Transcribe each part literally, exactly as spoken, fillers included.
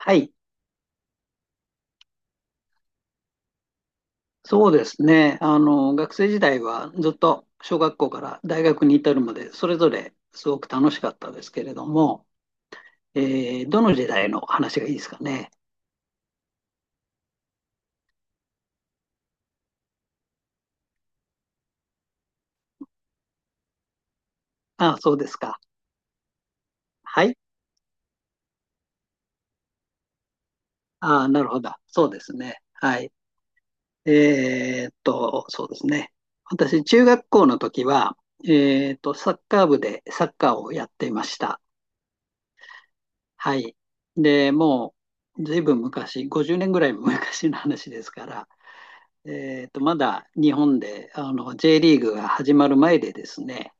はい、そうですね。あの、学生時代はずっと小学校から大学に至るまで、それぞれすごく楽しかったですけれども、えーどの時代の話がいいですかね。あ、そうですか。はい。あ、なるほど。そうですね。はい。えーっと、そうですね。私、中学校の時は、えーっと、サッカー部でサッカーをやっていました。はい。で、もう、ずいぶん昔、ごじゅうねんぐらい昔の話ですから、えーと、まだ日本であの J リーグが始まる前でですね、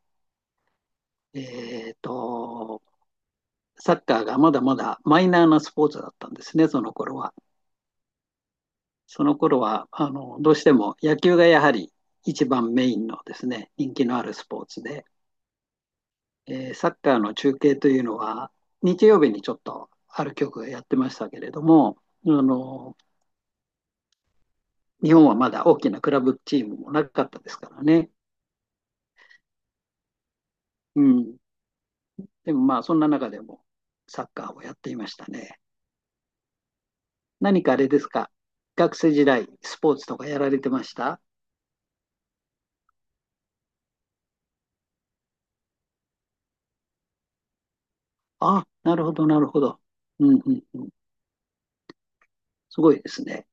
えーと、サッカーがまだまだマイナーなスポーツだったんですね、その頃は。その頃はあのどうしても野球がやはり一番メインのですね、人気のあるスポーツで、えーサッカーの中継というのは日曜日にちょっとある局がやってましたけれども、あの日本はまだ大きなクラブチームもなかったですからね。うん、でもまあ、そんな中でもサッカーをやっていましたね。何かあれですか、学生時代、スポーツとかやられてました？あ、なるほど、なるほど。うんうんうん、すごいですね。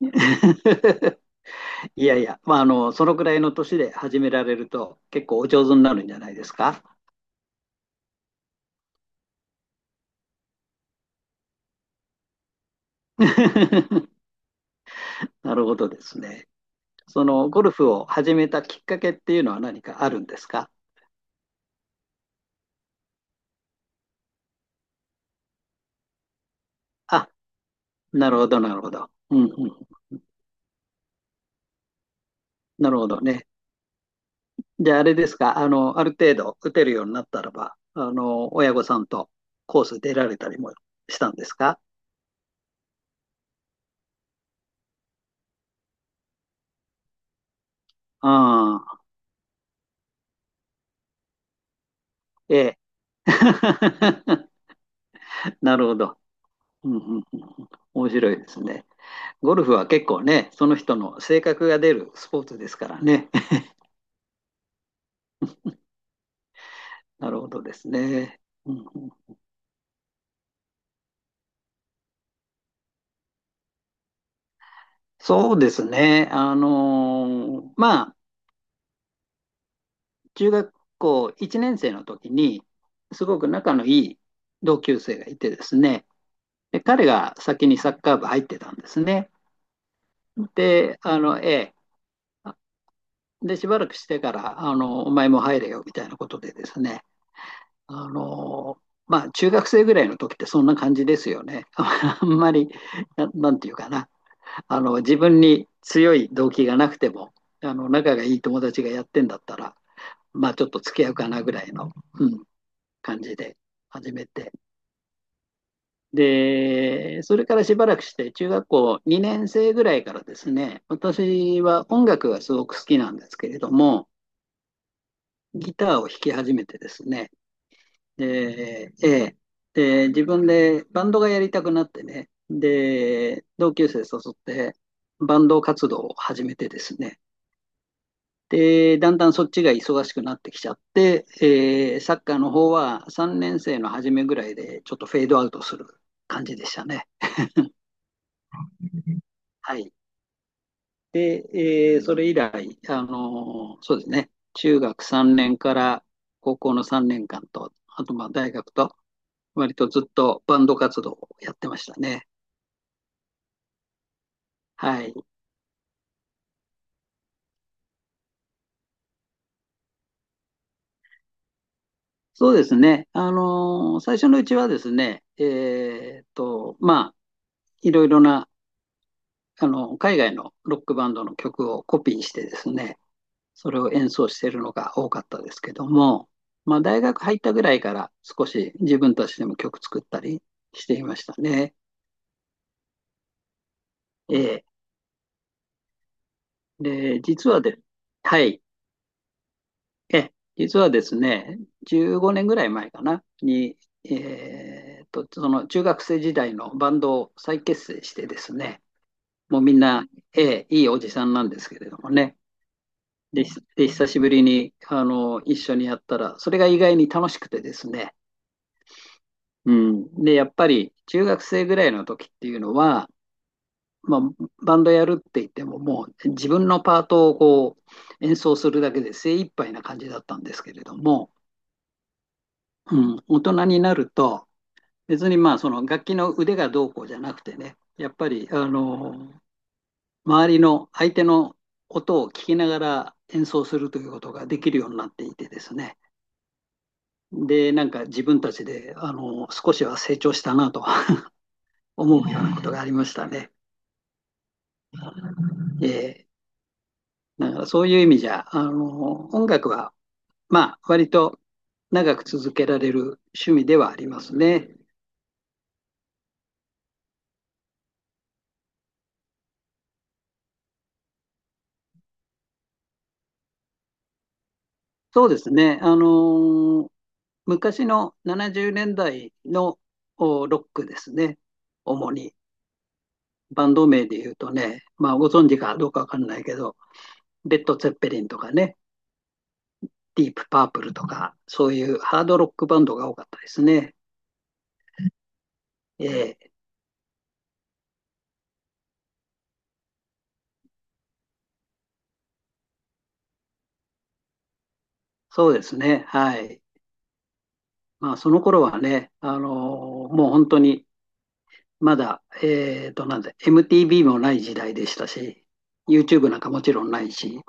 いやいや、まあ、あの、そのくらいの年で始められると、結構お上手になるんじゃないですか。なるほどですね。そのゴルフを始めたきっかけっていうのは何かあるんですか？あ、なるほど、なるほど。うんうん、なるほどね。じゃああれですか、あの、ある程度打てるようになったらば、あの、親御さんとコース出られたりもしたんですか？ああ、ええ。なるほど。うんうんうんうん面白いですね。ゴルフは結構ね、その人の性格が出るスポーツですからね。なるほどですね。うんうんそうですね。あのーまあ、中学校いちねん生の時に、すごく仲のいい同級生がいてですね、で彼が先にサッカー部入ってたんですね。で、あの、ええ、で、しばらくしてから、あの、お前も入れよみたいなことでですね、あの、まあ、中学生ぐらいの時ってそんな感じですよね。あんまり、な、なんていうかな、あの、自分に強い動機がなくても、あの、仲がいい友達がやってんだったら、まあ、ちょっと付き合うかなぐらいの、うん、感じで始めて。で、それからしばらくして、中学校にねん生ぐらいからですね、私は音楽がすごく好きなんですけれども、ギターを弾き始めてですね、で、えで、自分でバンドがやりたくなってね、で、同級生誘って、バンド活動を始めてですね、で、だんだんそっちが忙しくなってきちゃって、えーサッカーの方はさんねん生の初めぐらいでちょっとフェードアウトする感じでしたね。はい。で、えーそれ以来、あのーそうですね、中学さんねんから高校のさんねんかんと、あとまあ大学と、割とずっとバンド活動をやってましたね。はい。そうですね、あのー最初のうちはですね、えーっと、まあ、いろいろな、あの、海外のロックバンドの曲をコピーしてですね、それを演奏しているのが多かったですけども、まあ、大学入ったぐらいから少し自分たちでも曲作ったりしていましたね。ええで、実はで、はい、ええ、実はですね、じゅうごねんぐらい前かな、に、えーっと、その中学生時代のバンドを再結成してですね、もうみんな、ええ、いいおじさんなんですけれどもね、で、ひで、久しぶりに、あの、一緒にやったら、それが意外に楽しくてですね、うん、で、やっぱり中学生ぐらいの時っていうのは、まあ、バンドやるって言っても、もう自分のパートをこう演奏するだけで精一杯な感じだったんですけれども、うん、大人になると、別にまあその楽器の腕がどうこうじゃなくてね、やっぱりあの周りの相手の音を聞きながら演奏するということができるようになっていてですね、で、なんか自分たちであの少しは成長したなと思うようなことがありましたね。えーだからそういう意味じゃ、あの音楽はまあ、割と長く続けられる趣味ではありますね。そうですね。あのー昔のななじゅうねんだいのおロックですね。主に。バンド名で言うとね、まあ、ご存知かどうかわかんないけど、レッド・ツェッペリンとかね、ディープ・パープルとか、そういうハードロックバンドが多かったですね。ええそうですね。はい。まあ、その頃はね、あのーもう本当にまだ、えっと、なんだ、エムティーブイ もない時代でしたし、YouTube なんかもちろんないし、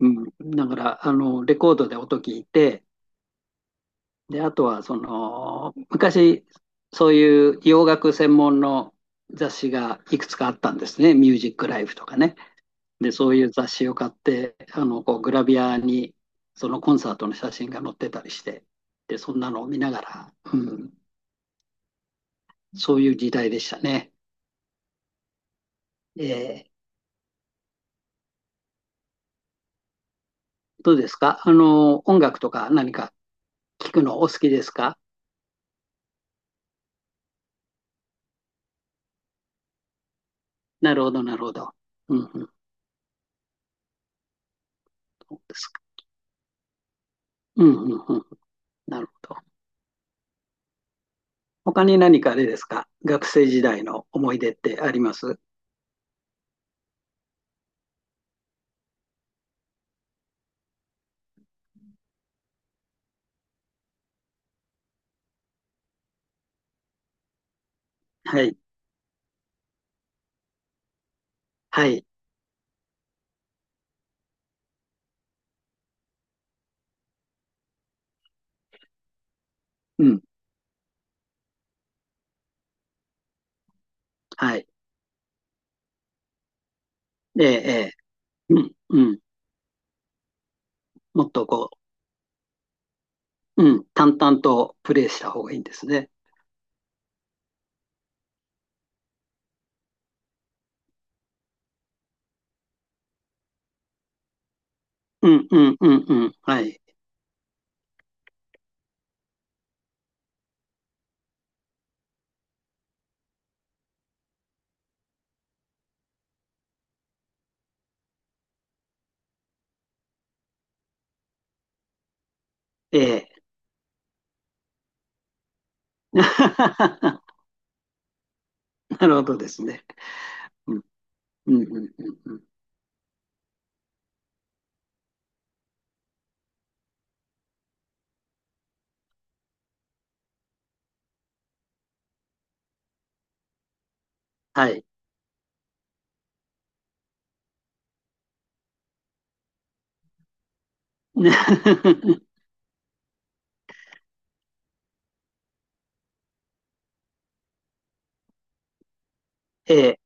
うん、だから、あの、レコードで音聞いて、で、あとは、その、昔、そういう洋楽専門の雑誌がいくつかあったんですね。ミュージックライフとかね。で、そういう雑誌を買って、あの、こう、グラビアに、そのコンサートの写真が載ってたりして、で、そんなのを見ながら、うん、そういう時代でしたね。えーどうですかあの、音楽とか何か聞くのお好きですか？なるほど、なるほど。うんうん、そうですか。うんうんうん、なるほど。他に何かあれですか学生時代の思い出ってあります？はい、はい、うん、はい。ええ、ええ、うん、うん。もっとこう、うん、淡々とプレイした方がいいんですね。うん、うん、うん、うん、はい。ええ。なるほどですね。うん、うん、うん、うん。うんはい。ええ、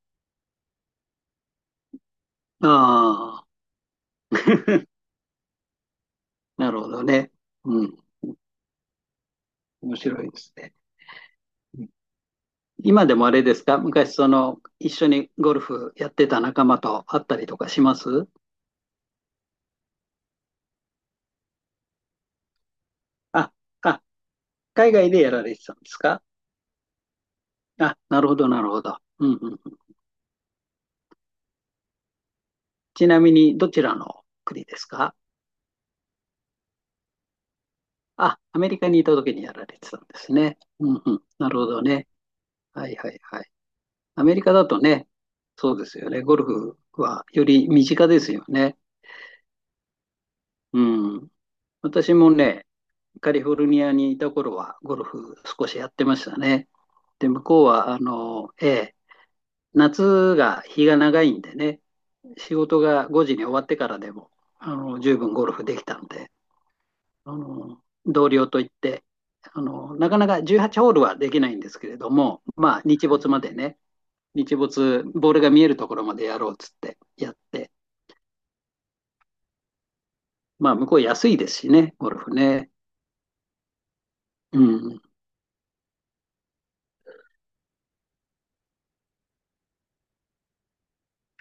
ああ。なるほどね。うん。面白いですね。うん今でもあれですか昔その、一緒にゴルフやってた仲間と会ったりとかします？あ、あ、海外でやられてたんですか？あ、なるほど、なるほど。うんうんうん。ちなみに、どちらの国ですか？あ、アメリカにいた時にやられてたんですね。うんうん。なるほどね。はいはいはい。アメリカだとね、そうですよね。ゴルフはより身近ですよね。うん。私もね、カリフォルニアにいた頃はゴルフ少しやってましたね。で、向こうは、あの、ええ、夏が日が長いんでね、仕事がごじに終わってからでも、あの、十分ゴルフできたんで、あの、同僚といって、あの、なかなかじゅうはちホールはできないんですけれども、まあ、日没までね、日没、ボールが見えるところまでやろうっつってやって、まあ、向こう安いですしね、ゴルフね。うん。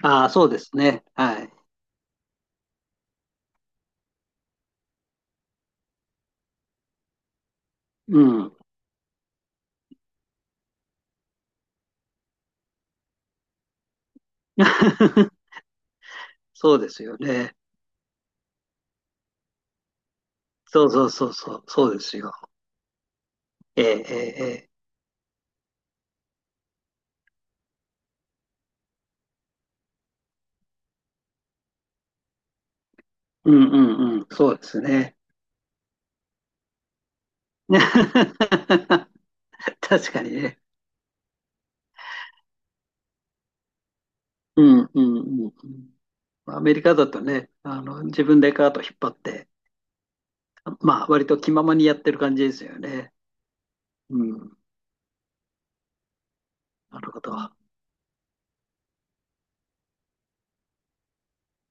ああ、そうですね。はい。うん。そうですよね。そうそうそうそう、そうですよ。ええ、ええ、ええうんうんうん、そうですね。確かにね。うんうんうんうん。アメリカだとね、あの、自分でカート引っ張って、まあ、割と気ままにやってる感じですよね。うん、なるほど。